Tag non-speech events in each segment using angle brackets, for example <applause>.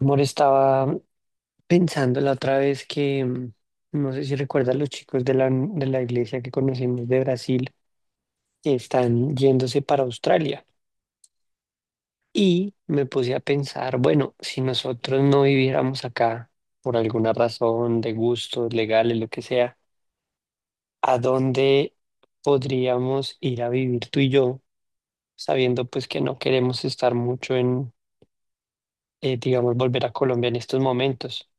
Amor, estaba pensando la otra vez que, no sé si recuerdas los chicos de la iglesia que conocimos de Brasil, que están yéndose para Australia. Y me puse a pensar, bueno, si nosotros no viviéramos acá por alguna razón de gustos legales, lo que sea, ¿a dónde podríamos ir a vivir tú y yo, sabiendo pues que no queremos estar mucho digamos, volver a Colombia en estos momentos?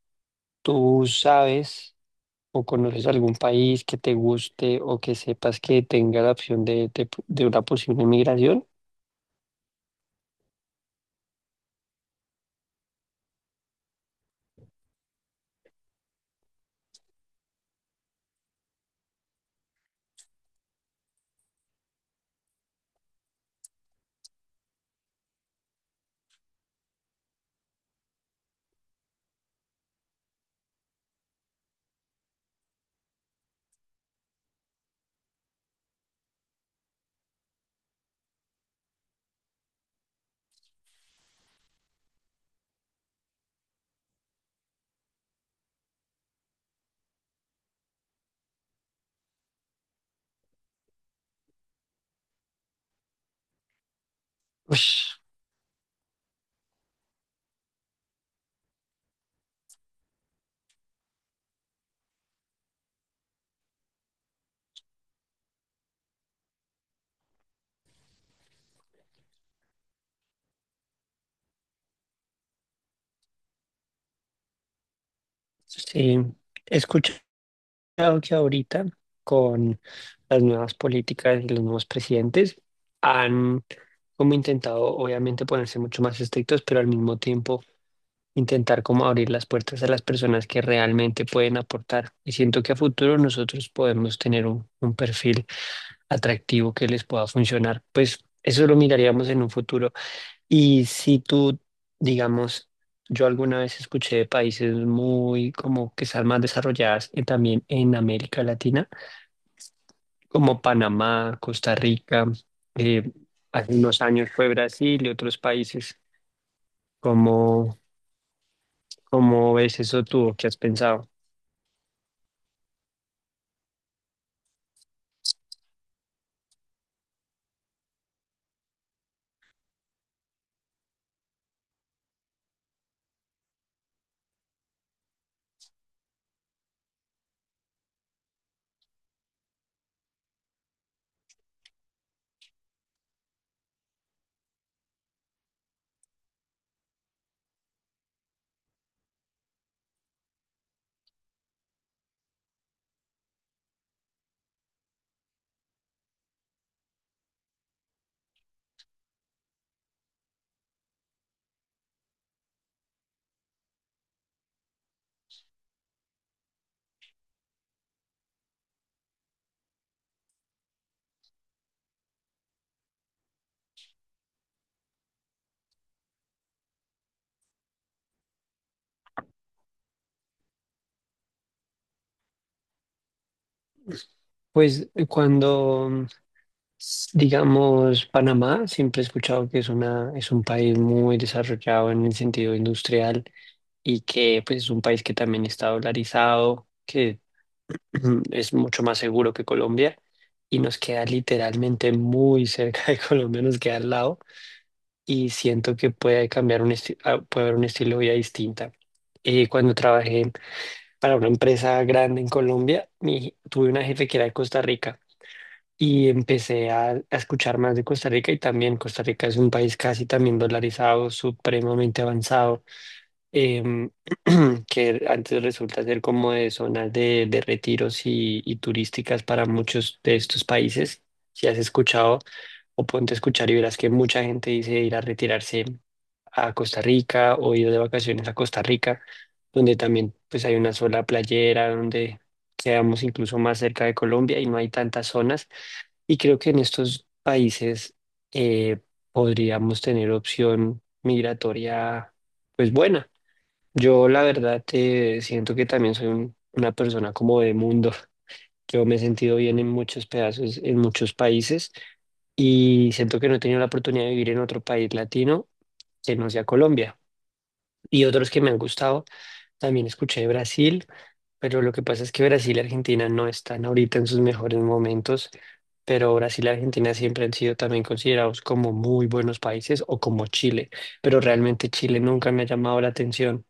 Tú sabes, o conoces algún país que te guste o que sepas que tenga la opción de una posible migración. Ush, sí, he escuchado que ahorita con las nuevas políticas y los nuevos presidentes han como intentado obviamente ponerse mucho más estrictos, pero al mismo tiempo intentar como abrir las puertas a las personas que realmente pueden aportar. Y siento que a futuro nosotros podemos tener un perfil atractivo que les pueda funcionar. Pues eso lo miraríamos en un futuro. Y si tú, digamos, yo alguna vez escuché de países muy como que están más desarrolladas y también en América Latina, como Panamá, Costa Rica, eh, hace unos años fue Brasil y otros países. ¿Cómo, cómo ves eso tú? ¿O qué has pensado? Pues digamos, Panamá, siempre he escuchado que es es un país muy desarrollado en el sentido industrial y que pues es un país que también está dolarizado, que es mucho más seguro que Colombia y nos queda literalmente muy cerca de <laughs> Colombia, nos queda al lado, y siento que puede cambiar un puede haber un estilo de vida distinta. Cuando trabajé para una empresa grande en Colombia, tuve una jefe que era de Costa Rica y empecé a escuchar más de Costa Rica, y también Costa Rica es un país casi también dolarizado, supremamente avanzado, em, <clears throat> que antes resulta ser como de zonas de retiros y turísticas para muchos de estos países. Si has escuchado o ponte a escuchar, y verás que mucha gente dice ir a retirarse a Costa Rica o ir de vacaciones a Costa Rica, donde también pues hay una sola playera, donde quedamos incluso más cerca de Colombia y no hay tantas zonas. Y creo que en estos países eh, podríamos tener opción migratoria pues buena. Yo la verdad, siento que también soy una persona como de mundo. Yo me he sentido bien en muchos pedazos, en muchos países, y siento que no he tenido la oportunidad de vivir en otro país latino que no sea Colombia. Y otros que me han gustado, también escuché de Brasil, pero lo que pasa es que Brasil y Argentina no están ahorita en sus mejores momentos, pero Brasil y Argentina siempre han sido también considerados como muy buenos países, o como Chile, pero realmente Chile nunca me ha llamado la atención.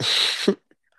<laughs>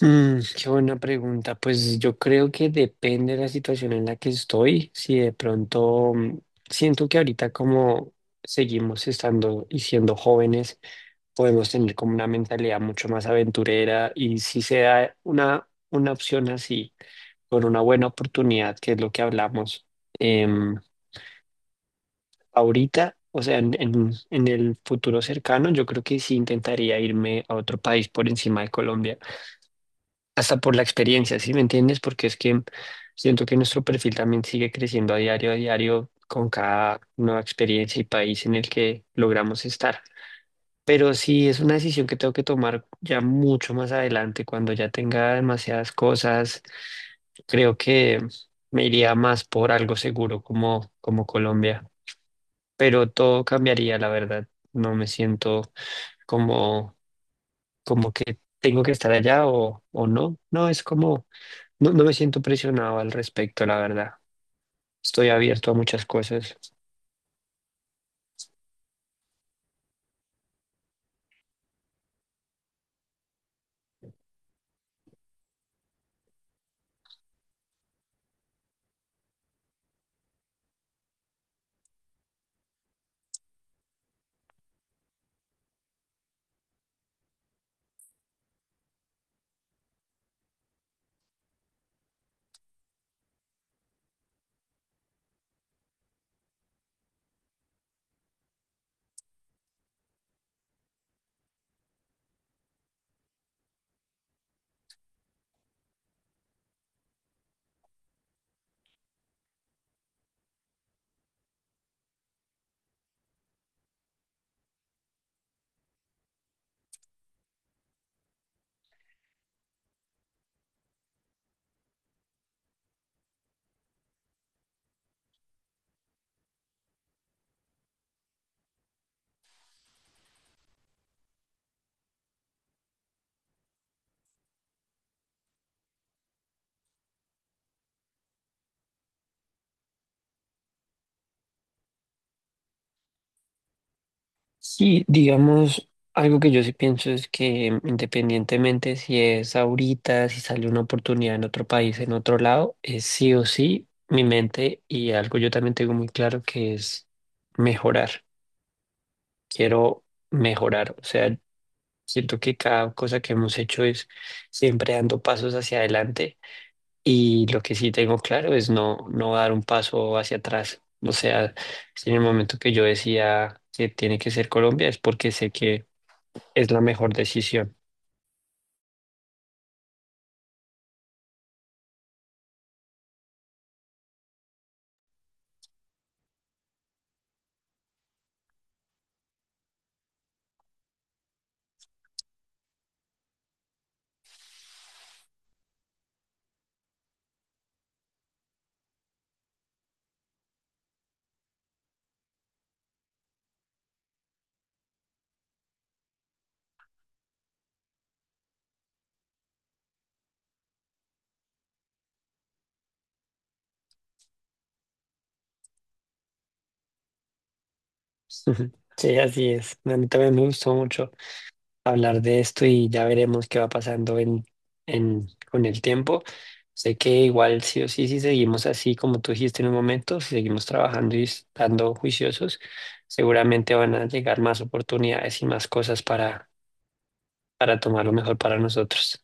Mm, qué buena pregunta. Pues yo creo que depende de la situación en la que estoy. Si de pronto, siento que ahorita, como seguimos estando y siendo jóvenes, podemos tener como una mentalidad mucho más aventurera, y si se da una opción así, con una buena oportunidad, que es lo que hablamos, em, ahorita, o sea, en el futuro cercano, yo creo que sí intentaría irme a otro país por encima de Colombia, hasta por la experiencia, ¿sí me entiendes? Porque es que siento que nuestro perfil también sigue creciendo a diario, con cada nueva experiencia y país en el que logramos estar. Pero sí es una decisión que tengo que tomar ya mucho más adelante, cuando ya tenga demasiadas cosas. Creo que me iría más por algo seguro como, como Colombia. Pero todo cambiaría, la verdad. No me siento como, como que tengo que estar allá o no. No, es como no, no me siento presionado al respecto, la verdad. Estoy abierto a muchas cosas. Sí, digamos, algo que yo sí pienso es que, independientemente si es ahorita, si sale una oportunidad en otro país, en otro lado, es sí o sí mi mente, y algo yo también tengo muy claro que es mejorar. Quiero mejorar. O sea, siento que cada cosa que hemos hecho es siempre dando pasos hacia adelante. Y lo que sí tengo claro es no, no dar un paso hacia atrás. O sea, si en el momento que yo decía que tiene que ser Colombia es porque sé que es la mejor decisión. Ujú. Sí, así es. A mí también me gustó mucho hablar de esto, y ya veremos qué va pasando en, con el tiempo. Sé que igual sí o sí, si seguimos así como tú dijiste en un momento, si seguimos trabajando y estando juiciosos, seguramente van a llegar más oportunidades y más cosas para tomar lo mejor para nosotros.